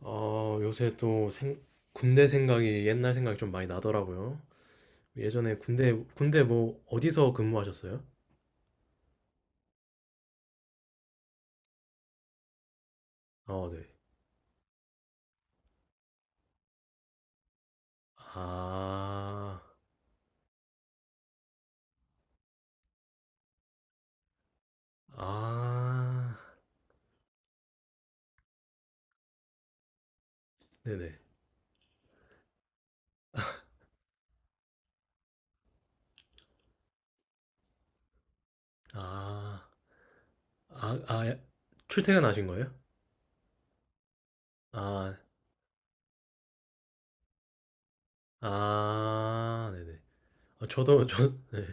요새 또 군대 생각이 옛날 생각이 좀 많이 나더라고요. 예전에 군대 뭐 어디서 근무하셨어요? 어, 네. 아, 아, 네네. 아, 아, 아, 예. 출퇴근하신 거예요? 아, 아, 네네. 아, 저도, 네.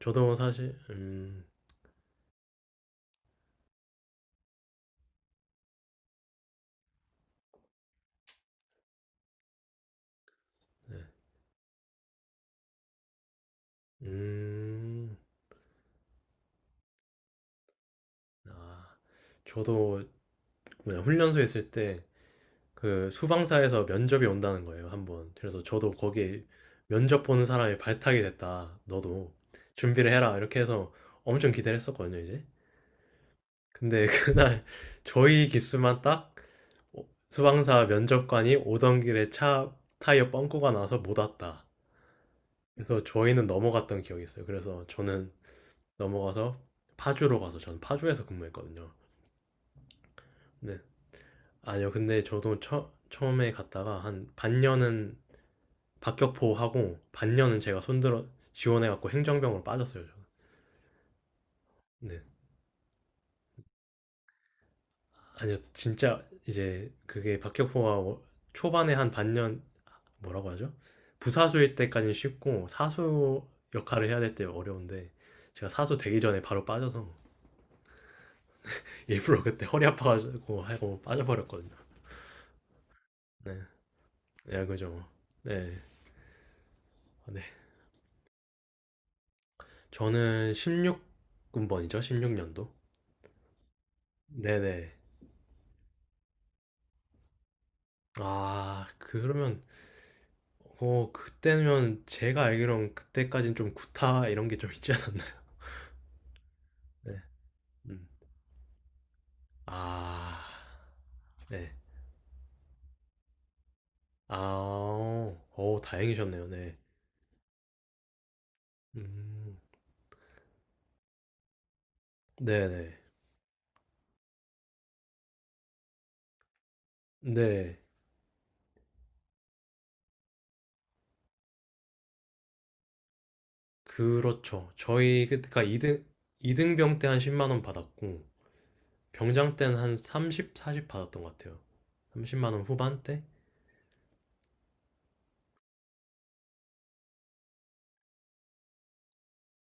저도 사실, 네. 음, 아, 저도 뭐냐, 훈련소 있을 때 그 수방사에서 면접이 온다는 거예요, 한번. 그래서 저도 거기에 면접 보는 사람이 발탁이 됐다. 너도 준비를 해라. 이렇게 해서 엄청 기대를 했었거든요, 이제. 근데 그날 저희 기수만 딱 수방사 면접관이 오던 길에 차 타이어 뻥꾸가 나서 못 왔다. 그래서 저희는 넘어갔던 기억이 있어요. 그래서 저는 넘어가서 파주로 가서 저는 파주에서 근무했거든요. 네. 아니요, 근데 저도 처음에 갔다가 한 반년은 박격포하고 반년은 제가 손들어 지원해갖고 행정병으로 빠졌어요. 저는. 네. 아니요, 진짜 이제 그게 박격포가 초반에 한 반년 뭐라고 하죠? 부사수일 때까지는 쉽고 사수 역할을 해야 될 때 어려운데 제가 사수 되기 전에 바로 빠져서 일부러 그때 허리 아파가지고 하고 빠져버렸거든요. 네, 네 그죠. 네, 네. 저는 16군번이죠, 16년도. 네네. 아, 그러면 어 그때면 제가 알기로는 그때까진 좀 구타 이런 게 좀 있지 않았나요? 네. 음. 아. 네. 아. 어 다행이셨네요. 네. 음. 네네. 네. 그렇죠. 저희 그때가 이등이등병 때 한 10원 받았고 병장 때는 한 30, 40 받았던 것 같아요. 30만 원 후반대?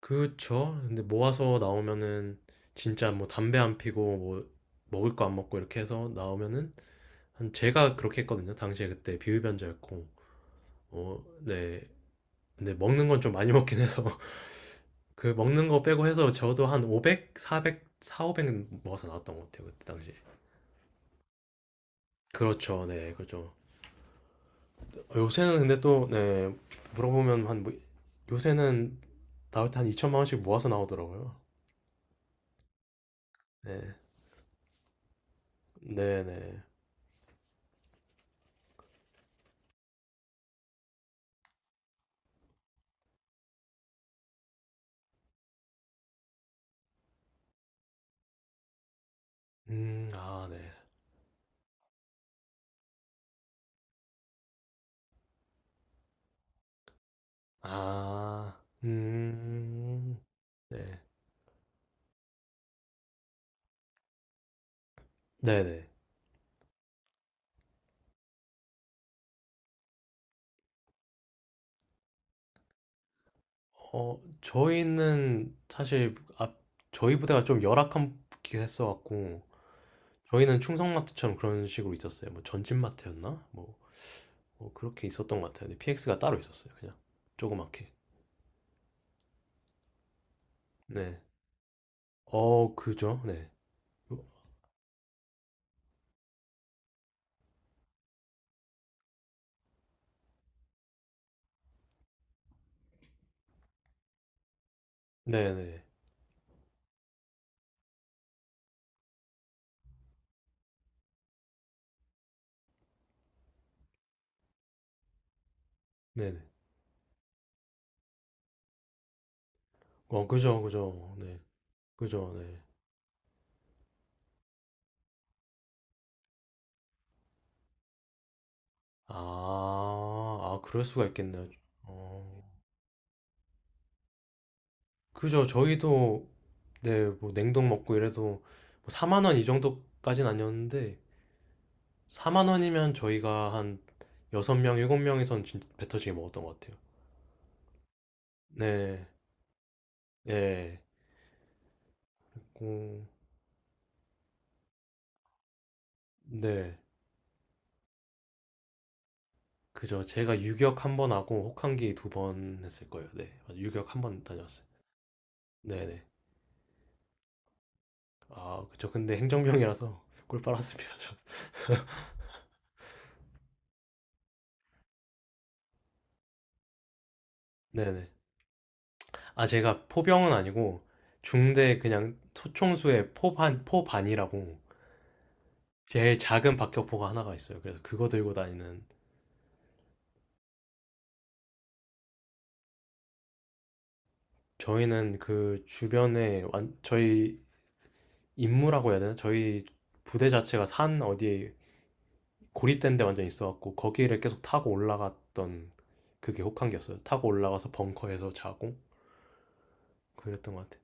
그쵸. 근데 모아서 나오면은 진짜 뭐 담배 안 피고 뭐 먹을 거 안 먹고 이렇게 해서 나오면은 한 제가 그렇게 했거든요. 당시에 그때 비흡연자였고, 어, 네. 근데 먹는 건 좀 많이 먹긴 해서 그 먹는 거 빼고 해서 저도 한 500, 400, 4, 500 먹어서 나왔던 것 같아요 그때 당시에. 그렇죠, 네, 그렇죠. 요새는 근데 또, 네, 물어보면 한 뭐- 요새는 나올 때 한 2천만 원씩 모아서 나오더라고요. 네, 네, 네. 아, 네. 아, 네, 네, 네. 어, 저희는 사실 앞 저희 부대가 좀 열악한 게 했어갖고 저희는 충성마트처럼 그런 식으로 있었어요. 뭐 전진마트였나? 뭐 그렇게 있었던 것 같아요. 근데 PX가 따로 있었어요. 그냥 조그맣게. 네. 어, 그죠? 네. 네, 네. 네, 네. 어, 그죠, 그죠. 네. 그죠, 네. 아, 아, 그럴 수가 있겠네요. 어, 그죠. 저희도, 네, 뭐, 냉동 먹고 이래도, 뭐, 4만 원 이 정도까진 아니었는데, 4만 원이면 저희가 한 6명, 7명이선 진짜 배 터지게 먹었던 것 같아요. 네. 예. 음, 네. 그죠. 제가 유격 한번 하고 혹한기 두 번 했을 거예요. 네. 맞아요. 유격 한번 다녀왔어요. 네네. 아, 그쵸. 근데 행정병이라서 꿀 빨았습니다, 저. 네네. 아, 제가 포병은 아니고 중대 그냥 소총수의 포반이라고 제일 작은 박격포가 하나가 있어요. 그래서 그거 들고 다니는 저희는 그 주변에 완 저희 임무라고 해야 되나? 저희 부대 자체가 산 어디에 고립된 데 완전 있어갖고 거기를 계속 타고 올라갔던 그게 혹한기였어요. 타고 올라가서 벙커에서 자고 그랬던 것 같아요.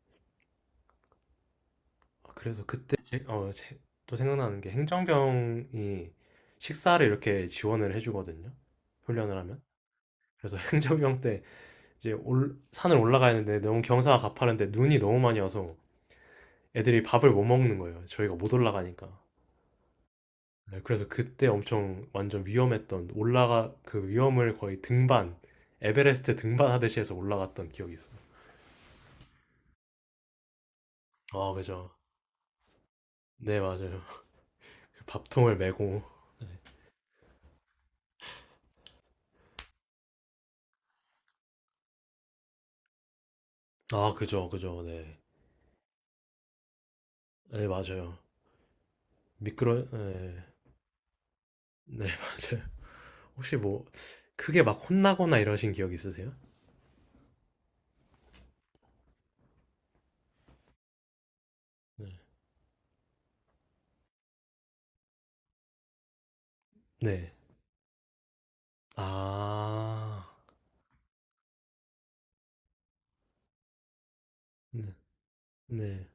아, 그래서 그때 또 생각나는 게 행정병이 식사를 이렇게 지원을 해주거든요. 훈련을 하면. 그래서 행정병 때 이제 산을 올라가야 하는데 너무 경사가 가파른데 눈이 너무 많이 와서 애들이 밥을 못 먹는 거예요. 저희가 못 올라가니까. 네, 그래서 그때 엄청 완전 위험했던 올라가 그 위험을 거의 등반 에베레스트 등반하듯이 해서 올라갔던 기억이 있어요. 아 그죠. 네 맞아요. 밥통을 메고. 네. 아 그죠 그죠 네. 네 맞아요. 미끄러 네, 네 맞아요. 혹시 뭐 크게 막 혼나거나 이러신 기억 있으세요? 네. 네. 아. 네. 네.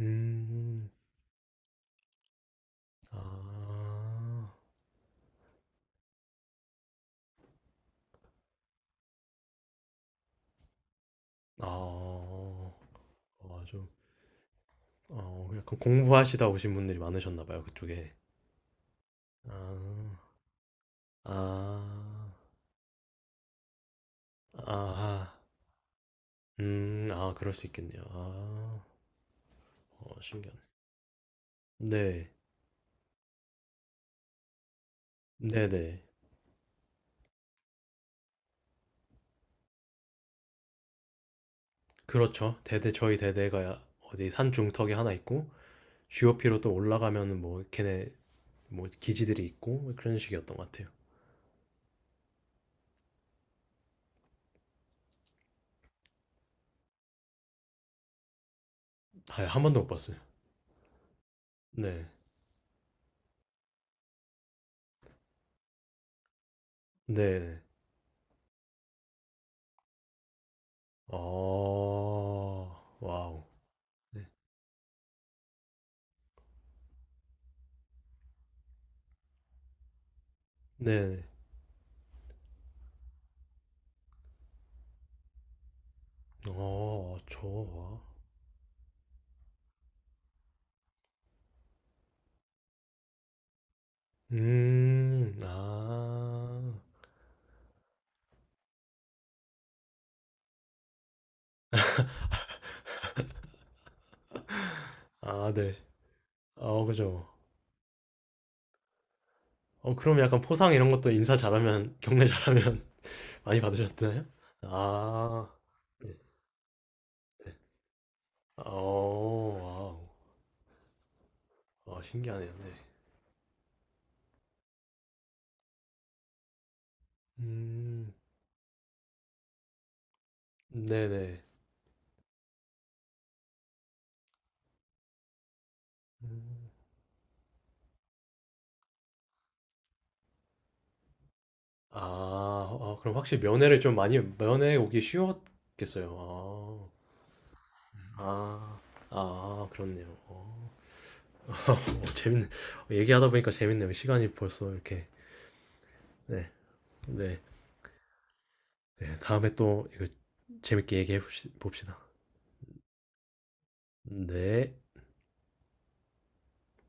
음. 아. 아. 맞아. 어 약간 공부하시다 오신 분들이 많으셨나 봐요, 그쪽에. 아. 아. 아하. 음. 아 그럴 수 있겠네요. 아. 어 신기하네. 네. 네네. 그렇죠. 대대 저희 대대가 어디 산 중턱에 하나 있고 GOP로 또 올라가면은 뭐 걔네 뭐 기지들이 있고 뭐 그런 식이었던 것 같아요. 아 한 번도 못 봤어요. 네. 네네. 어. 와우. 네. 네네. 어. 저 아. 아 네. 어 그죠. 어 그럼 약간 포상 이런 것도 인사 잘하면 경례 잘하면 많이 받으셨나요? 아. 네 네. 어 와우. 아 신기하네요. 네. 음. 네네. 음. 아. 아 그럼 확실히 면회를 좀 많이 면회 오기 쉬웠겠어요. 아. 아. 아 그렇네요. 어. 어, 재밌네. 얘기하다 보니까 재밌네요. 시간이 벌써 이렇게 네. 네. 네, 다음에 또 이거 재밌게 얘기해 봅시다. 네.